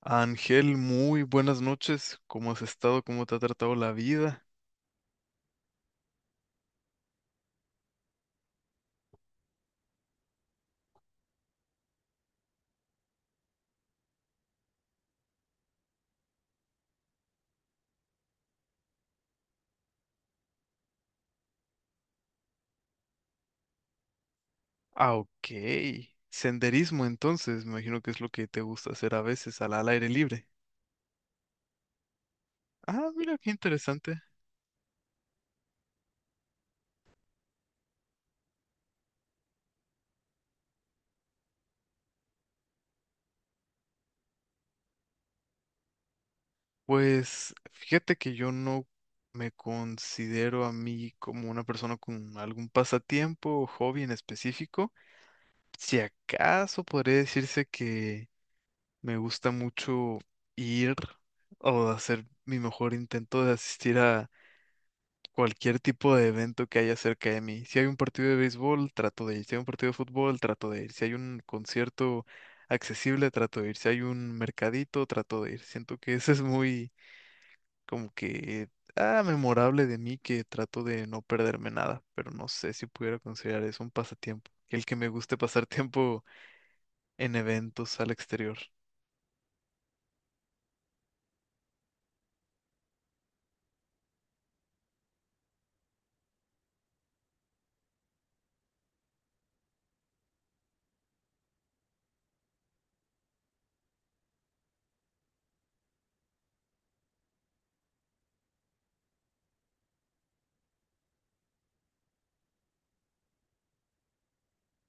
Ángel, muy buenas noches. ¿Cómo has estado? ¿Cómo te ha tratado la vida? Ah, ok. Senderismo, entonces, me imagino que es lo que te gusta hacer a veces al aire libre. Ah, mira, qué interesante. Pues fíjate que yo no me considero a mí como una persona con algún pasatiempo o hobby en específico. Si acaso podría decirse que me gusta mucho ir o hacer mi mejor intento de asistir a cualquier tipo de evento que haya cerca de mí. Si hay un partido de béisbol, trato de ir. Si hay un partido de fútbol, trato de ir. Si hay un concierto accesible, trato de ir. Si hay un mercadito, trato de ir. Siento que eso es muy como que ah, memorable de mí que trato de no perderme nada, pero no sé si pudiera considerar eso un pasatiempo. El que me guste pasar tiempo en eventos al exterior.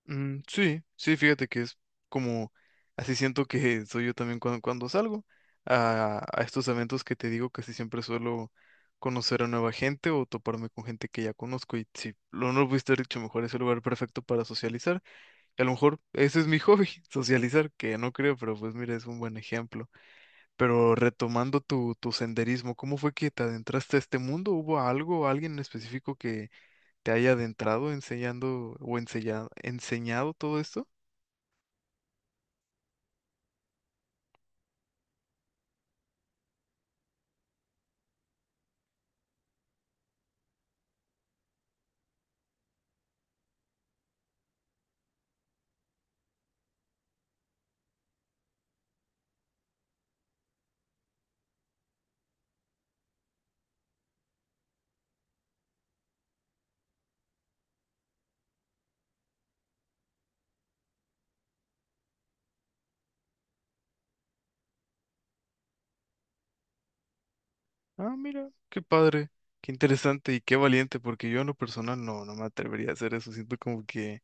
Mm, sí, sí, fíjate que es como, así siento que soy yo también cuando salgo a estos eventos que te digo, casi siempre suelo conocer a nueva gente o toparme con gente que ya conozco y si lo no lo pudiste haber dicho mejor, es el lugar perfecto para socializar. Y a lo mejor ese es mi hobby, socializar, que no creo, pero pues mira, es un buen ejemplo. Pero retomando tu senderismo, ¿cómo fue que te adentraste a este mundo? ¿Hubo algo, alguien en específico que te haya adentrado enseñando o enseñado todo esto? Ah, mira, qué padre, qué interesante y qué valiente, porque yo en lo personal no, no me atrevería a hacer eso. Siento como que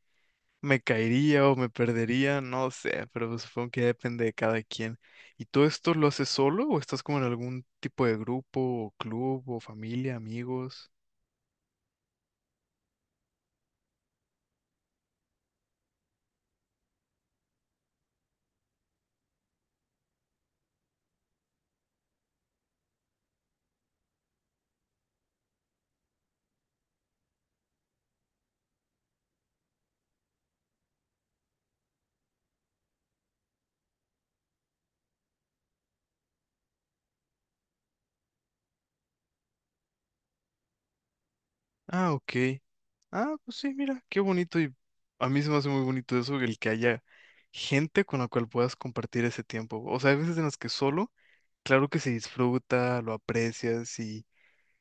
me caería o me perdería, no sé, pero pues supongo que ya depende de cada quien. ¿Y todo esto lo haces solo o estás como en algún tipo de grupo o club o familia, amigos? Ah, ok. Ah, pues sí, mira, qué bonito y a mí se me hace muy bonito eso, el que haya gente con la cual puedas compartir ese tiempo. O sea, hay veces en las que solo, claro que se disfruta, lo aprecias y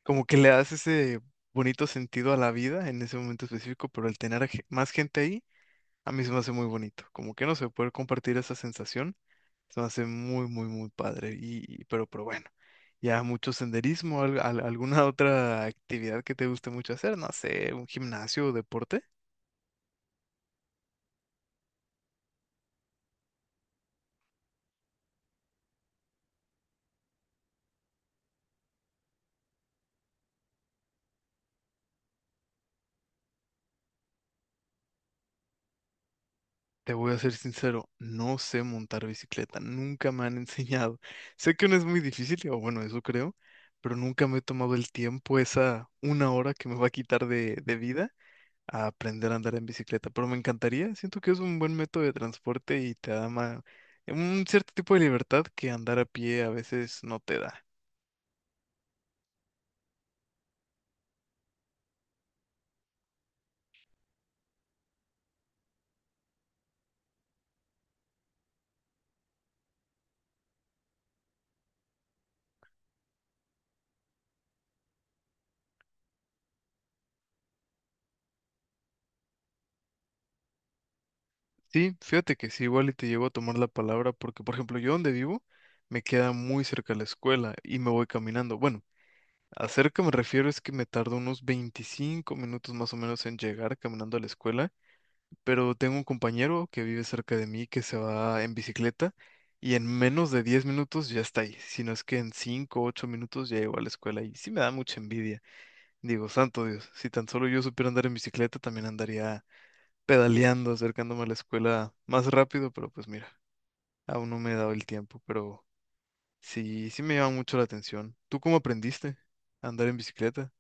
como que le das ese bonito sentido a la vida en ese momento específico, pero el tener a más gente ahí, a mí se me hace muy bonito. Como que no sé, poder compartir esa sensación, se me hace muy, muy, muy padre. Y- pero bueno, ya mucho senderismo, alguna otra actividad que te guste mucho hacer, no sé, un gimnasio o deporte. Te voy a ser sincero, no sé montar bicicleta, nunca me han enseñado. Sé que no es muy difícil, o bueno, eso creo pero nunca me he tomado el tiempo, esa una hora que me va a quitar de vida a aprender a andar en bicicleta, pero me encantaría, siento que es un buen método de transporte y te da un cierto tipo de libertad que andar a pie a veces no te da. Sí, fíjate que sí, igual y te llevo a tomar la palabra porque, por ejemplo, yo donde vivo me queda muy cerca la escuela y me voy caminando. Bueno, a cerca me refiero es que me tardo unos 25 minutos más o menos en llegar caminando a la escuela pero tengo un compañero que vive cerca de mí que se va en bicicleta y en menos de 10 minutos ya está ahí, si no es que en 5 o 8 minutos ya llegó a la escuela y sí me da mucha envidia. Digo, santo Dios, si tan solo yo supiera andar en bicicleta también andaría pedaleando, acercándome a la escuela más rápido, pero pues mira, aún no me he dado el tiempo, pero sí, sí me llama mucho la atención. ¿Tú cómo aprendiste a andar en bicicleta?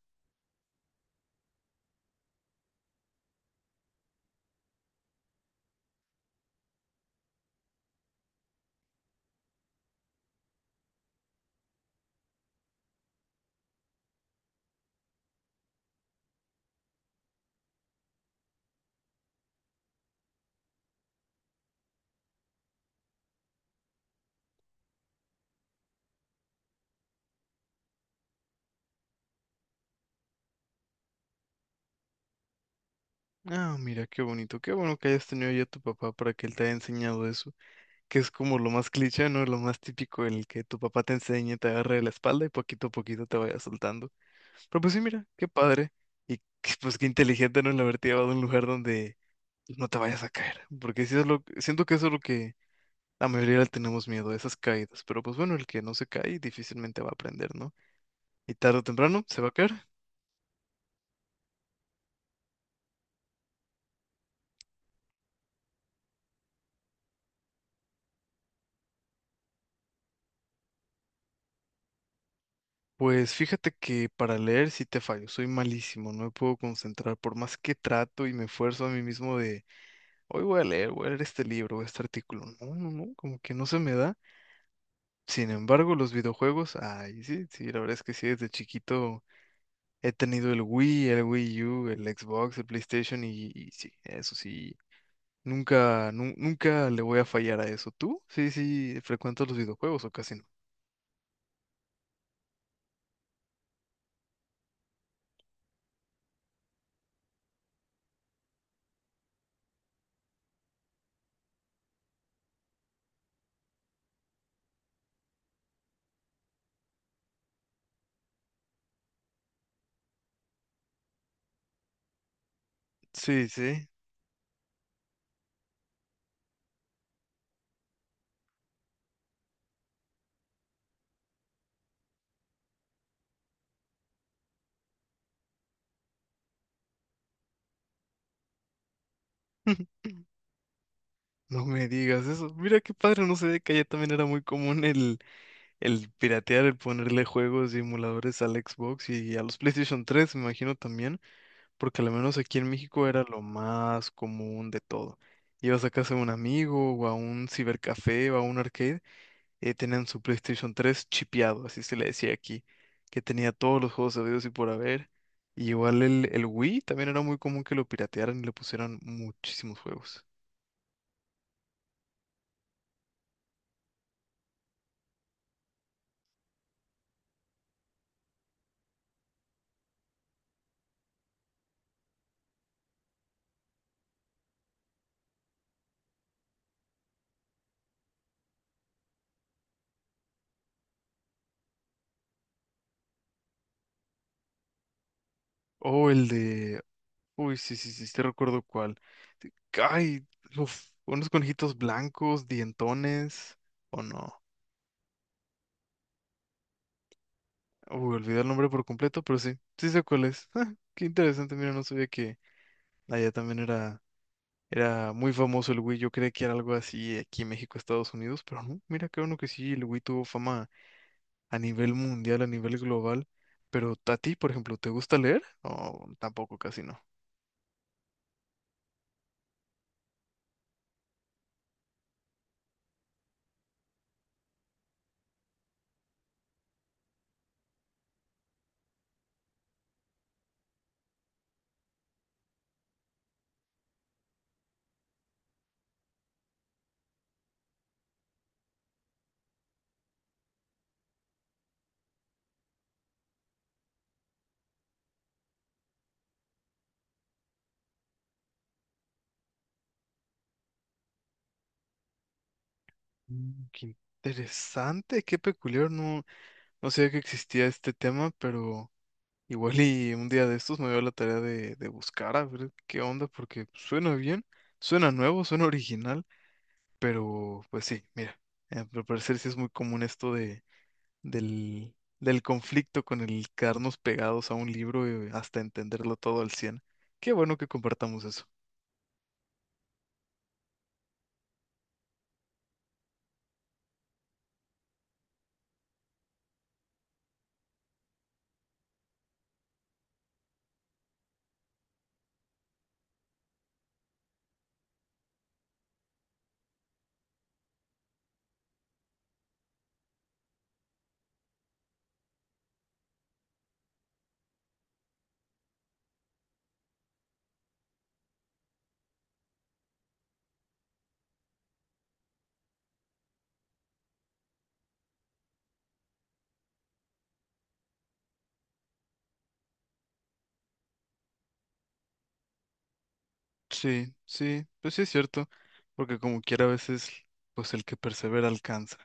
Ah, mira, qué bonito, qué bueno que hayas tenido ya a tu papá para que él te haya enseñado eso. Que es como lo más cliché, ¿no? Lo más típico en el que tu papá te enseña, te agarre de la espalda y poquito a poquito te vaya soltando. Pero pues sí, mira, qué padre. Y que, pues qué inteligente, ¿no? El haberte llevado a un lugar donde no te vayas a caer. Porque sí es lo, siento que eso es lo que la mayoría le tenemos miedo, a esas caídas. Pero pues bueno, el que no se cae difícilmente va a aprender, ¿no? Y tarde o temprano se va a caer. Pues fíjate que para leer sí te fallo, soy malísimo, no me puedo concentrar, por más que trato y me esfuerzo a mí mismo. Hoy voy a leer este libro, este artículo. No, no, no, como que no se me da. Sin embargo, los videojuegos, ay, sí, sí, la verdad es que sí, desde chiquito he tenido el Wii U, el Xbox, el PlayStation y sí, eso sí, nunca, nunca le voy a fallar a eso. ¿Tú? Sí, sí, frecuentas los videojuegos o casi no. Sí, sí. No me digas eso. Mira qué padre, no sé, que allá también era muy común el piratear, el ponerle juegos y emuladores al Xbox y a los PlayStation 3 me imagino también. Porque al menos aquí en México era lo más común de todo. Ibas a casa de un amigo o a un cibercafé o a un arcade, y tenían su PlayStation 3 chipeado, así se le decía aquí, que tenía todos los juegos habidos y por haber. Y igual el Wii también era muy común que lo piratearan y le pusieran muchísimos juegos. O el de... Uy, sí, sí, sí, te recuerdo cuál. Ay, uf, unos conejitos blancos, dientones, o no. Uy, olvidé el nombre por completo, pero sí, sí sé cuál es. Ah, qué interesante, mira, no sabía que allá también era, era muy famoso el Wii. Yo creía que era algo así aquí en México, Estados Unidos, pero no, mira, qué bueno que sí, el Wii tuvo fama a nivel mundial, a nivel global. Pero a ti, por ejemplo, ¿te gusta leer? O tampoco, casi no. Qué interesante, qué peculiar, no, no sabía que existía este tema, pero... Igual y un día de estos me dio la tarea de buscar a ver qué onda, porque suena bien, suena nuevo, suena original, pero pues sí, mira, al parecer sí es muy común esto de, del, del conflicto con el quedarnos pegados a un libro hasta entenderlo todo al cien. Qué bueno que compartamos eso. Sí, sí, pues sí es cierto, porque como quiera a veces, pues el que persevera alcanza.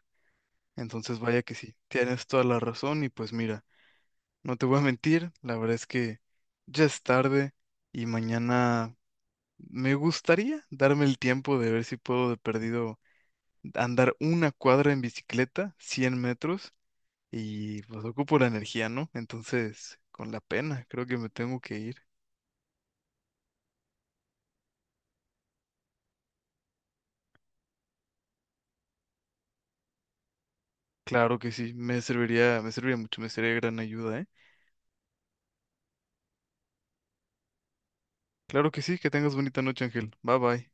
Entonces vaya que sí, tienes toda la razón y pues mira. No te voy a mentir, la verdad es que ya es tarde y mañana me gustaría darme el tiempo de ver si puedo de perdido andar una cuadra en bicicleta, 100 metros, y pues ocupo la energía, ¿no? Entonces, con la pena, creo que me tengo que ir. Claro que sí, me serviría mucho, me sería de gran ayuda, ¿eh? Claro que sí, que tengas bonita noche, Ángel. Bye bye.